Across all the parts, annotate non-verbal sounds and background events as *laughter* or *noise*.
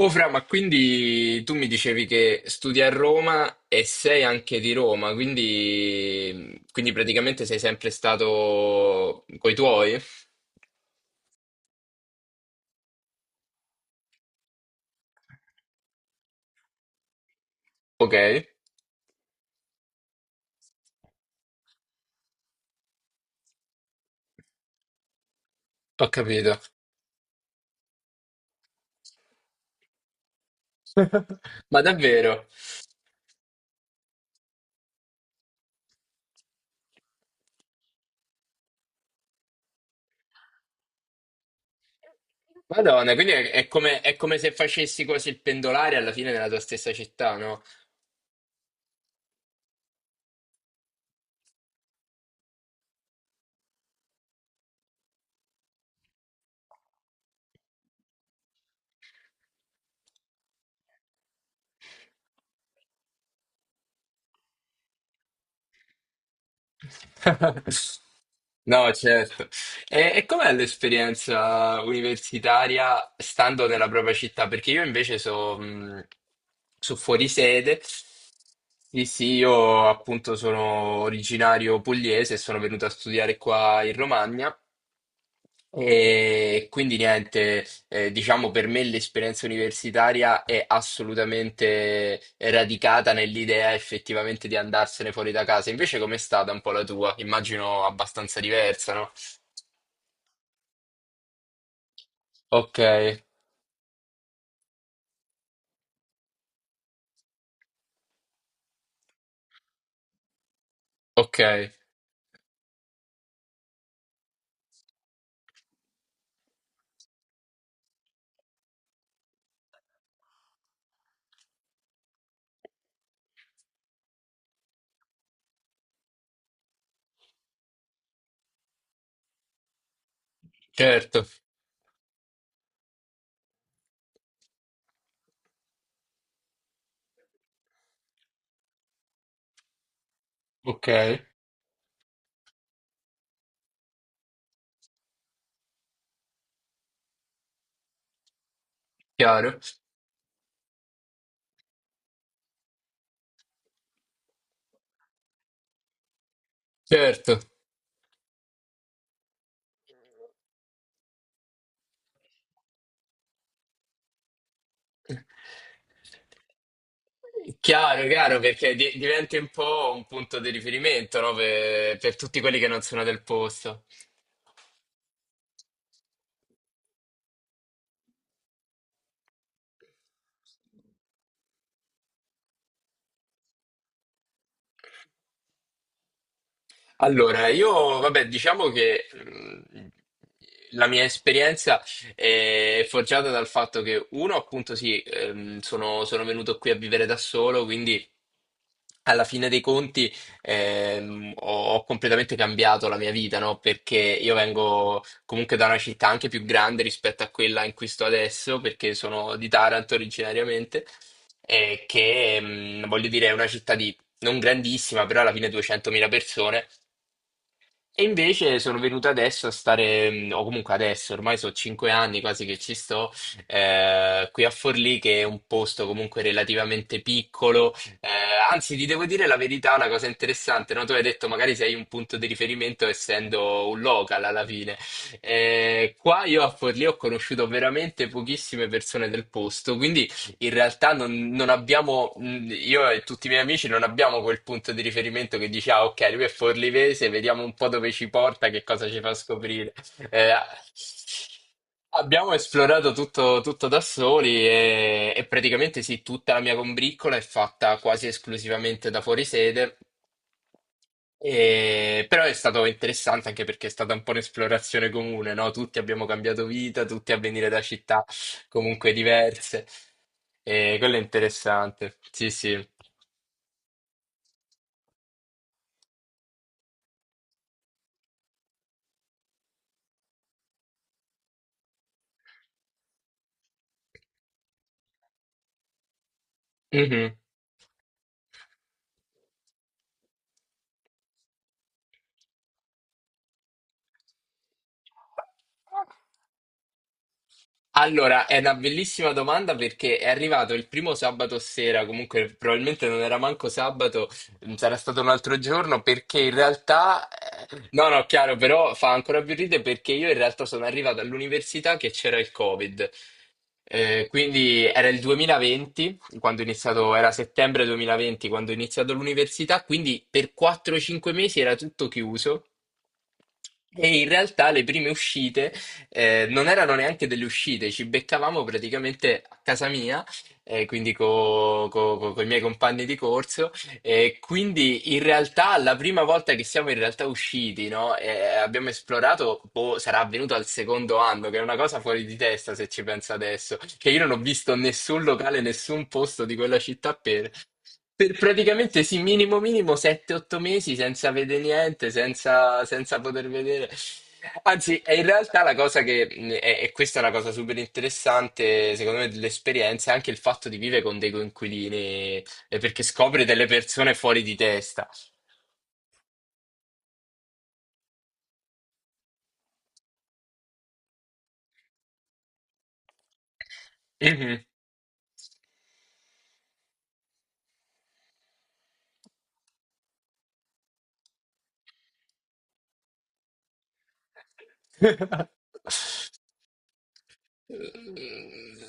Oh Fra, ma quindi tu mi dicevi che studi a Roma e sei anche di Roma, quindi, quindi praticamente sei sempre stato coi tuoi? Ok, ho capito. Ma davvero? Madonna, quindi è come se facessi quasi il pendolare alla fine nella tua stessa città, no? No, certo. E com'è l'esperienza universitaria stando nella propria città? Perché io invece so, so fuori sede. Sì, sì, io appunto sono originario pugliese e sono venuto a studiare qua in Romagna. E quindi niente, diciamo per me l'esperienza universitaria è assolutamente radicata nell'idea effettivamente di andarsene fuori da casa. Invece com'è stata un po' la tua? Immagino abbastanza diversa, no? Ok, ok, certo, ok, chiaro, certo. Chiaro, chiaro, perché diventi un po' un punto di riferimento, no? Per tutti quelli che non sono del posto. Allora, io, vabbè, diciamo che la mia esperienza è forgiata dal fatto che, uno, appunto, sì, sono, sono venuto qui a vivere da solo, quindi alla fine dei conti, ho, ho completamente cambiato la mia vita, no? Perché io vengo comunque da una città anche più grande rispetto a quella in cui sto adesso, perché sono di Taranto originariamente, e che, voglio dire, è una città di non grandissima, però alla fine 200.000 persone, e invece sono venuto adesso a stare, o comunque adesso, ormai sono cinque anni quasi che ci sto, qui a Forlì, che è un posto comunque relativamente piccolo. Eh, anzi, ti devo dire la verità, una cosa interessante, no? Tu hai detto magari sei un punto di riferimento essendo un local alla fine. Qua io a Forlì ho conosciuto veramente pochissime persone del posto, quindi in realtà non, non abbiamo, io e tutti i miei amici non abbiamo quel punto di riferimento che dice, ah, ok, lui è forlivese, vediamo un po' dove ci porta, che cosa ci fa scoprire. Eh, Abbiamo esplorato tutto, tutto da soli e praticamente sì, tutta la mia combriccola è fatta quasi esclusivamente da fuorisede, però è stato interessante anche perché è stata un po' un'esplorazione comune, no? Tutti abbiamo cambiato vita, tutti a venire da città comunque diverse, e quello è interessante, sì, sì. Mhm. Allora, è una bellissima domanda perché è arrivato il primo sabato sera, comunque probabilmente non era manco sabato, sarà stato un altro giorno perché in realtà, no, no, chiaro, però fa ancora più ridere perché io in realtà sono arrivato all'università che c'era il Covid. Quindi era il 2020, quando ho iniziato, era settembre 2020 quando ho iniziato l'università, quindi per 4-5 mesi era tutto chiuso. E in realtà le prime uscite, non erano neanche delle uscite, ci beccavamo praticamente a casa mia, quindi con i miei compagni di corso. E quindi in realtà la prima volta che siamo in realtà usciti, no? E abbiamo esplorato, boh, sarà avvenuto al secondo anno, che è una cosa fuori di testa se ci penso adesso, che io non ho visto nessun locale, nessun posto di quella città per praticamente sì, minimo minimo 7-8 mesi senza vedere niente, senza, senza poter vedere. Anzi, è in realtà la cosa che, e questa è una cosa super interessante, secondo me, dell'esperienza, è anche il fatto di vivere con dei coinquilini, perché scopri delle persone fuori di testa. Mhm. *laughs* Mm,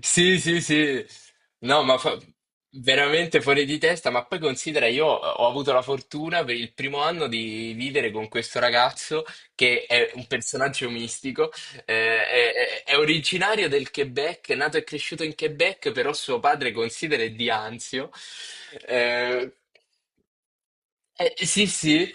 sì, sì, sì. No, veramente fuori di testa. Ma poi considera, io ho avuto la fortuna per il primo anno di vivere con questo ragazzo che è un personaggio mistico. Eh, è originario del Quebec, è nato e cresciuto in Quebec, però suo padre considera è di Anzio. Eh, sì, sì.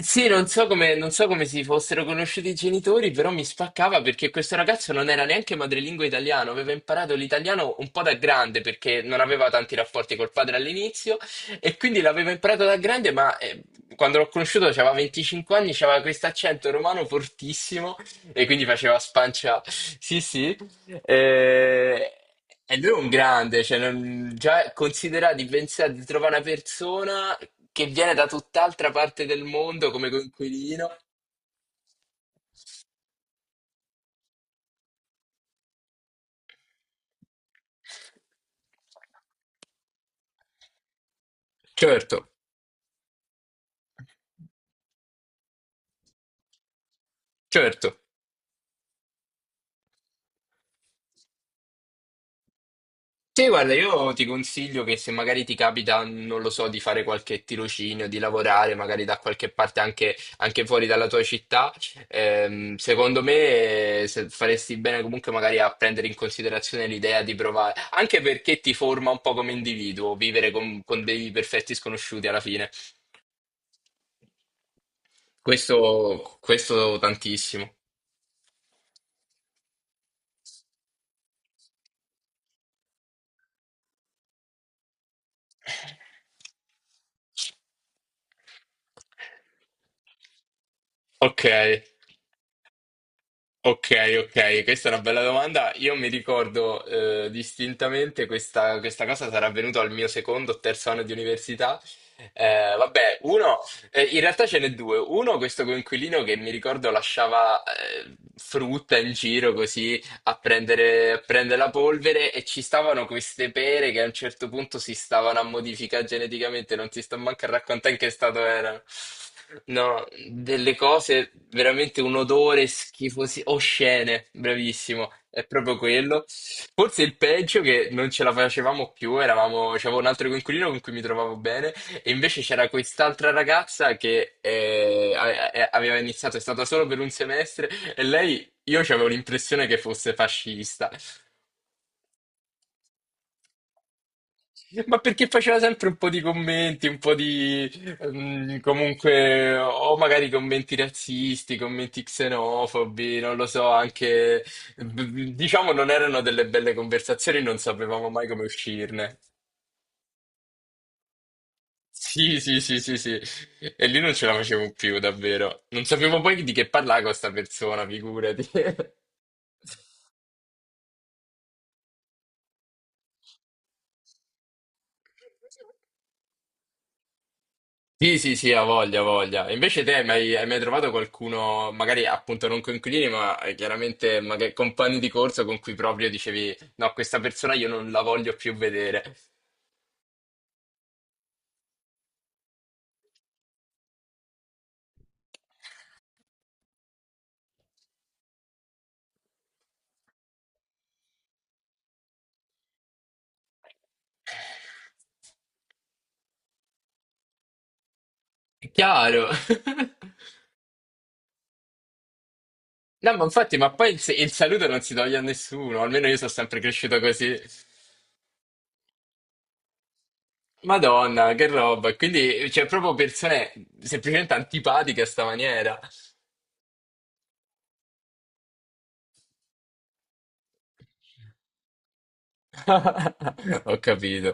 Sì, non so come, non so come si fossero conosciuti i genitori, però mi spaccava perché questo ragazzo non era neanche madrelingua italiano, aveva imparato l'italiano un po' da grande perché non aveva tanti rapporti col padre all'inizio e quindi l'aveva imparato da grande, ma quando l'ho conosciuto aveva 25 anni, aveva questo accento romano fortissimo e quindi faceva spancia. Sì, sì. Eh, e lui è un grande, cioè già considera di pensare di trovare una persona che viene da tutt'altra parte del mondo come coinquilino. Certo, certo. Sì, guarda, io ti consiglio che se magari ti capita, non lo so, di fare qualche tirocinio, di lavorare magari da qualche parte anche, anche fuori dalla tua città, secondo me, faresti bene comunque magari a prendere in considerazione l'idea di provare, anche perché ti forma un po' come individuo, vivere con dei perfetti sconosciuti alla fine. Questo tantissimo. Ok, ok, ok, questa è una bella domanda. Io mi ricordo distintamente questa, questa cosa sarà avvenuta al mio secondo o terzo anno di università. Vabbè, uno, in realtà ce n'è due. Uno, questo coinquilino che mi ricordo lasciava frutta in giro così a prendere la polvere e ci stavano queste pere che a un certo punto si stavano a modificare geneticamente, non ti sto manco a raccontare in che stato erano. No, delle cose veramente un odore schifosi, oscene, bravissimo, è proprio quello. Forse il peggio che non ce la facevamo più, eravamo, c'avevo un altro coinquilino con cui mi trovavo bene, e invece c'era quest'altra ragazza che aveva iniziato, è stata solo per un semestre, e lei, io avevo l'impressione che fosse fascista, ma perché faceva sempre un po' di commenti, un po' di comunque, o magari commenti razzisti, commenti xenofobi, non lo so, anche diciamo non erano delle belle conversazioni, non sapevamo mai come uscirne. Sì, sì, sì, sì, sì. E lì non ce la facevo più, davvero. Non sapevo poi di che parlare con sta persona, figurati. *laughs* Sì, sì, sì, ha voglia, ha voglia. E invece te hai mai trovato qualcuno, magari appunto non coinquilini, ma chiaramente magari compagni di corso con cui proprio dicevi, no, questa persona io non la voglio più vedere. È chiaro. *laughs* No, ma infatti, ma poi il saluto non si toglie a nessuno, almeno io sono sempre cresciuto così. Madonna, che roba. Quindi c'è proprio persone semplicemente antipatiche a sta maniera. *laughs* Ho capito.